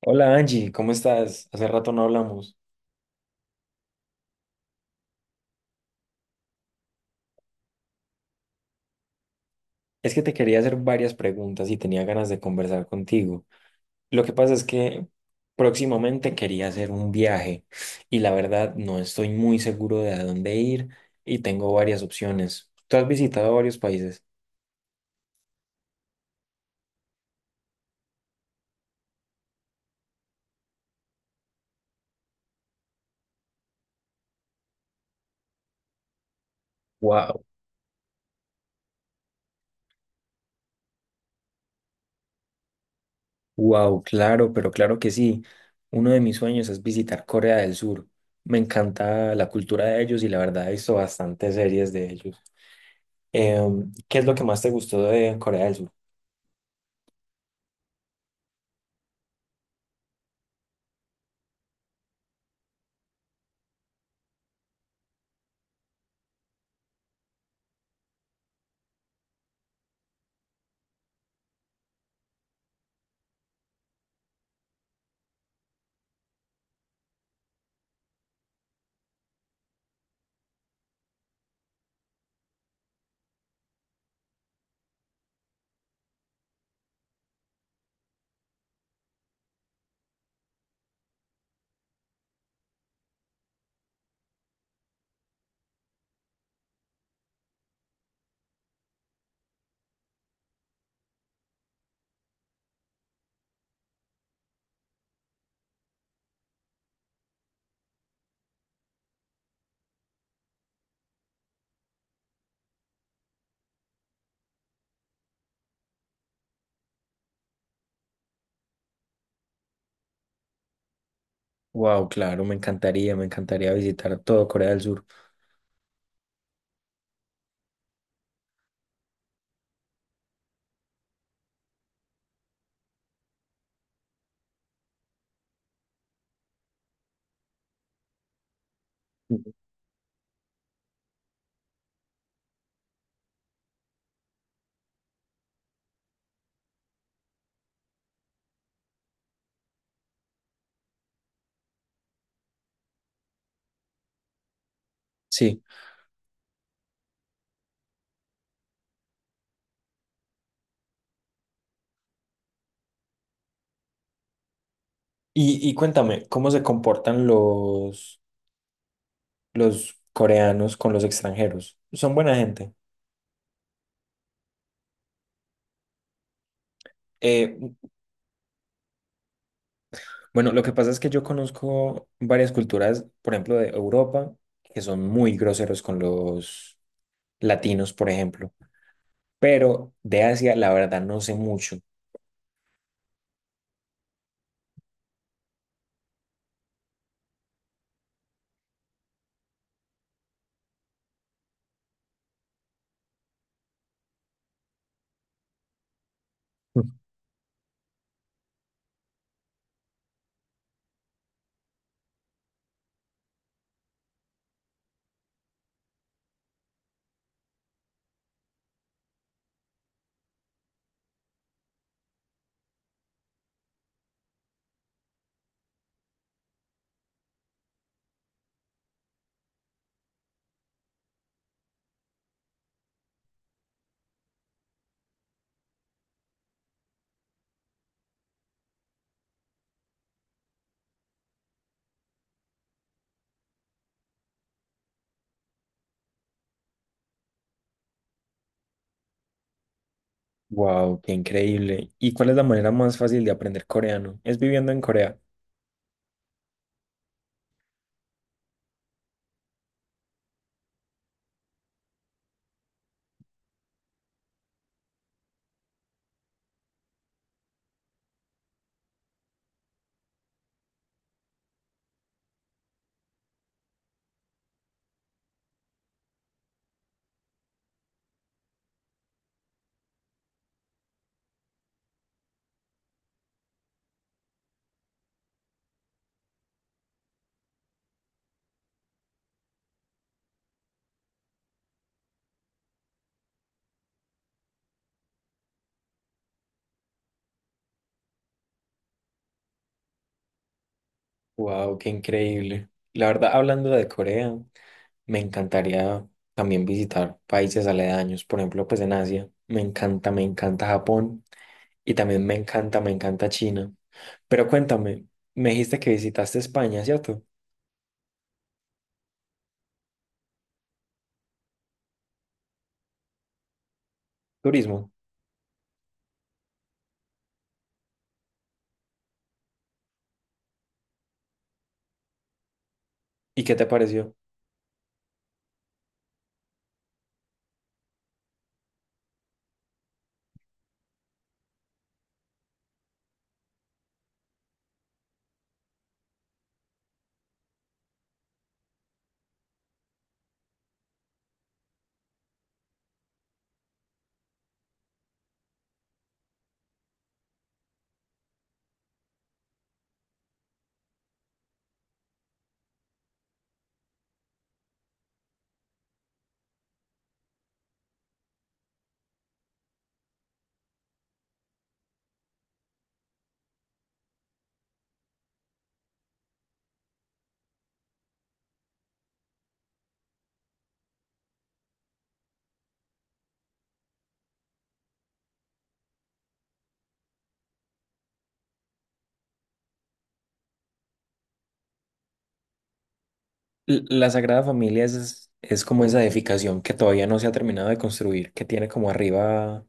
Hola Angie, ¿cómo estás? Hace rato no hablamos. Es que te quería hacer varias preguntas y tenía ganas de conversar contigo. Lo que pasa es que próximamente quería hacer un viaje y la verdad no estoy muy seguro de a dónde ir y tengo varias opciones. ¿Tú has visitado varios países? Wow, wow, claro, pero claro que sí. Uno de mis sueños es visitar Corea del Sur. Me encanta la cultura de ellos y la verdad he visto bastantes series de ellos. ¿Qué es lo que más te gustó de Corea del Sur? Wow, claro, me encantaría visitar todo Corea del Sur. Ujú. Sí. Y cuéntame, ¿cómo se comportan los coreanos con los extranjeros? ¿Son buena gente? Eh, bueno, lo que pasa es que yo conozco varias culturas, por ejemplo, de Europa, que son muy groseros con los latinos, por ejemplo. Pero de Asia, la verdad, no sé mucho. Wow, qué increíble. ¿Y cuál es la manera más fácil de aprender coreano? Es viviendo en Corea. Wow, qué increíble. La verdad, hablando de Corea, me encantaría también visitar países aledaños, por ejemplo, pues en Asia. Me encanta Japón y también me encanta China. Pero cuéntame, me dijiste que visitaste España, ¿cierto? Turismo. ¿Y qué te pareció? La Sagrada Familia es como esa edificación que todavía no se ha terminado de construir, que tiene como arriba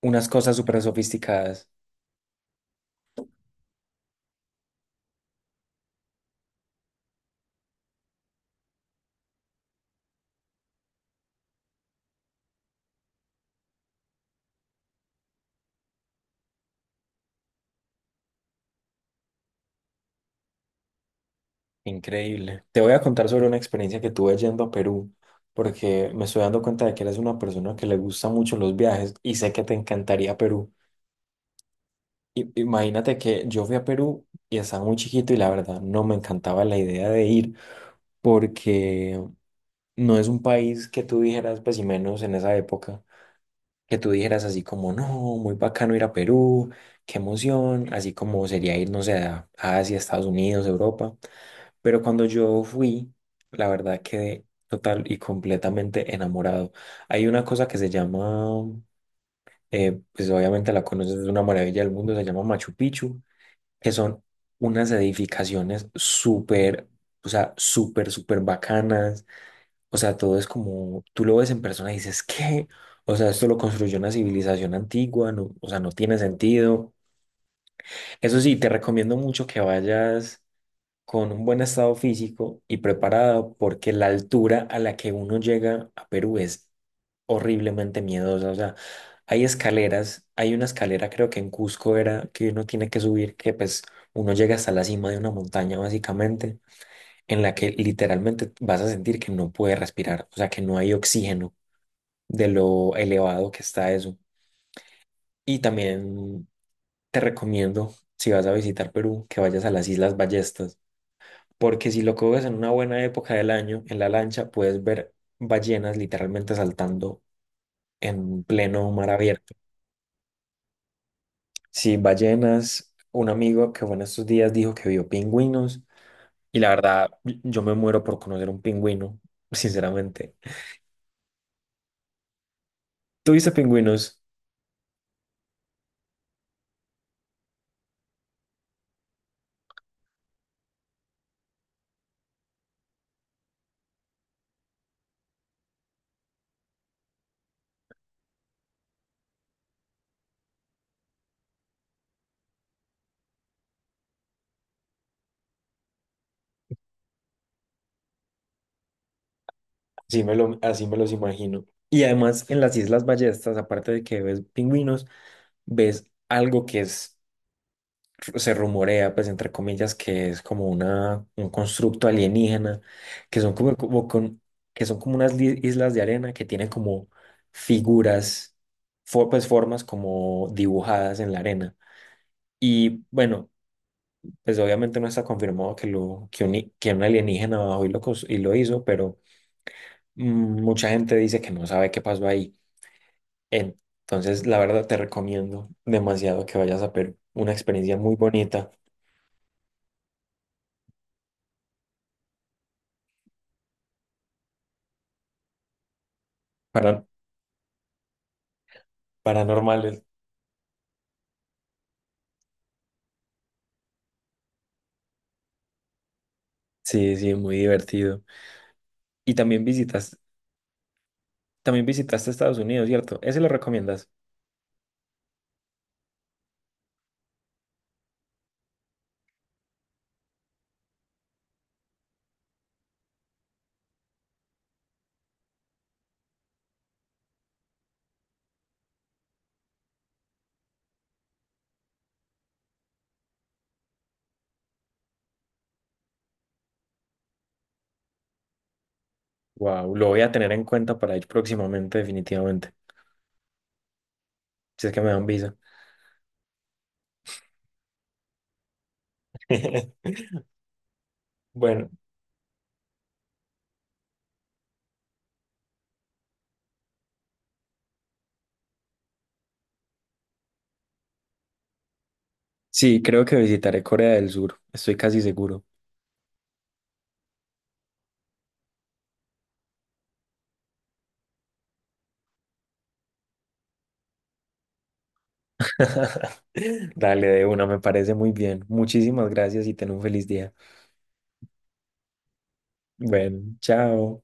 unas cosas súper sofisticadas. Increíble. Te voy a contar sobre una experiencia que tuve yendo a Perú, porque me estoy dando cuenta de que eres una persona que le gusta mucho los viajes y sé que te encantaría Perú. Imagínate que yo fui a Perú y estaba muy chiquito y la verdad no me encantaba la idea de ir, porque no es un país que tú dijeras, pues y menos en esa época, que tú dijeras así como, no, muy bacano ir a Perú, qué emoción, así como sería ir, no sé, a Asia, Estados Unidos, Europa. Pero cuando yo fui, la verdad quedé total y completamente enamorado. Hay una cosa que se llama, pues obviamente la conoces, es una maravilla del mundo, se llama Machu Picchu, que son unas edificaciones súper, o sea, súper, súper bacanas. O sea, todo es como, tú lo ves en persona y dices, ¿qué? O sea, esto lo construyó una civilización antigua, o sea, no tiene sentido. Eso sí, te recomiendo mucho que vayas con un buen estado físico y preparado, porque la altura a la que uno llega a Perú es horriblemente miedosa. O sea, hay escaleras, hay una escalera creo que en Cusco era que uno tiene que subir, que pues uno llega hasta la cima de una montaña básicamente, en la que literalmente vas a sentir que no puedes respirar, o sea, que no hay oxígeno de lo elevado que está eso. Y también te recomiendo, si vas a visitar Perú, que vayas a las Islas Ballestas, porque si lo coges en una buena época del año, en la lancha, puedes ver ballenas literalmente saltando en pleno mar abierto. Sí, ballenas, un amigo que fue en estos días dijo que vio pingüinos y la verdad, yo me muero por conocer un pingüino, sinceramente. ¿Tuviste pingüinos? Así me lo, así me los imagino. Y además en las Islas Ballestas, aparte de que ves pingüinos, ves algo que es, se rumorea, pues entre comillas, que es como una, un constructo alienígena, que son como, como con, que son como unas islas de arena que tienen como figuras, pues formas como dibujadas en la arena. Y bueno, pues obviamente no está confirmado que, lo, que un alienígena bajó y lo, y lo hizo, pero mm, mucha gente dice que no sabe qué pasó ahí. Entonces, la verdad te recomiendo demasiado que vayas a ver una experiencia muy bonita para, paranormal. Sí, sí, muy divertido. Y también visitas, también visitaste Estados Unidos, ¿cierto? ¿Ese lo recomiendas? Wow, lo voy a tener en cuenta para ir próximamente, definitivamente. Si es que me dan visa. Bueno, sí, creo que visitaré Corea del Sur, estoy casi seguro. Dale de una, me parece muy bien. Muchísimas gracias y ten un feliz día. Bueno, chao.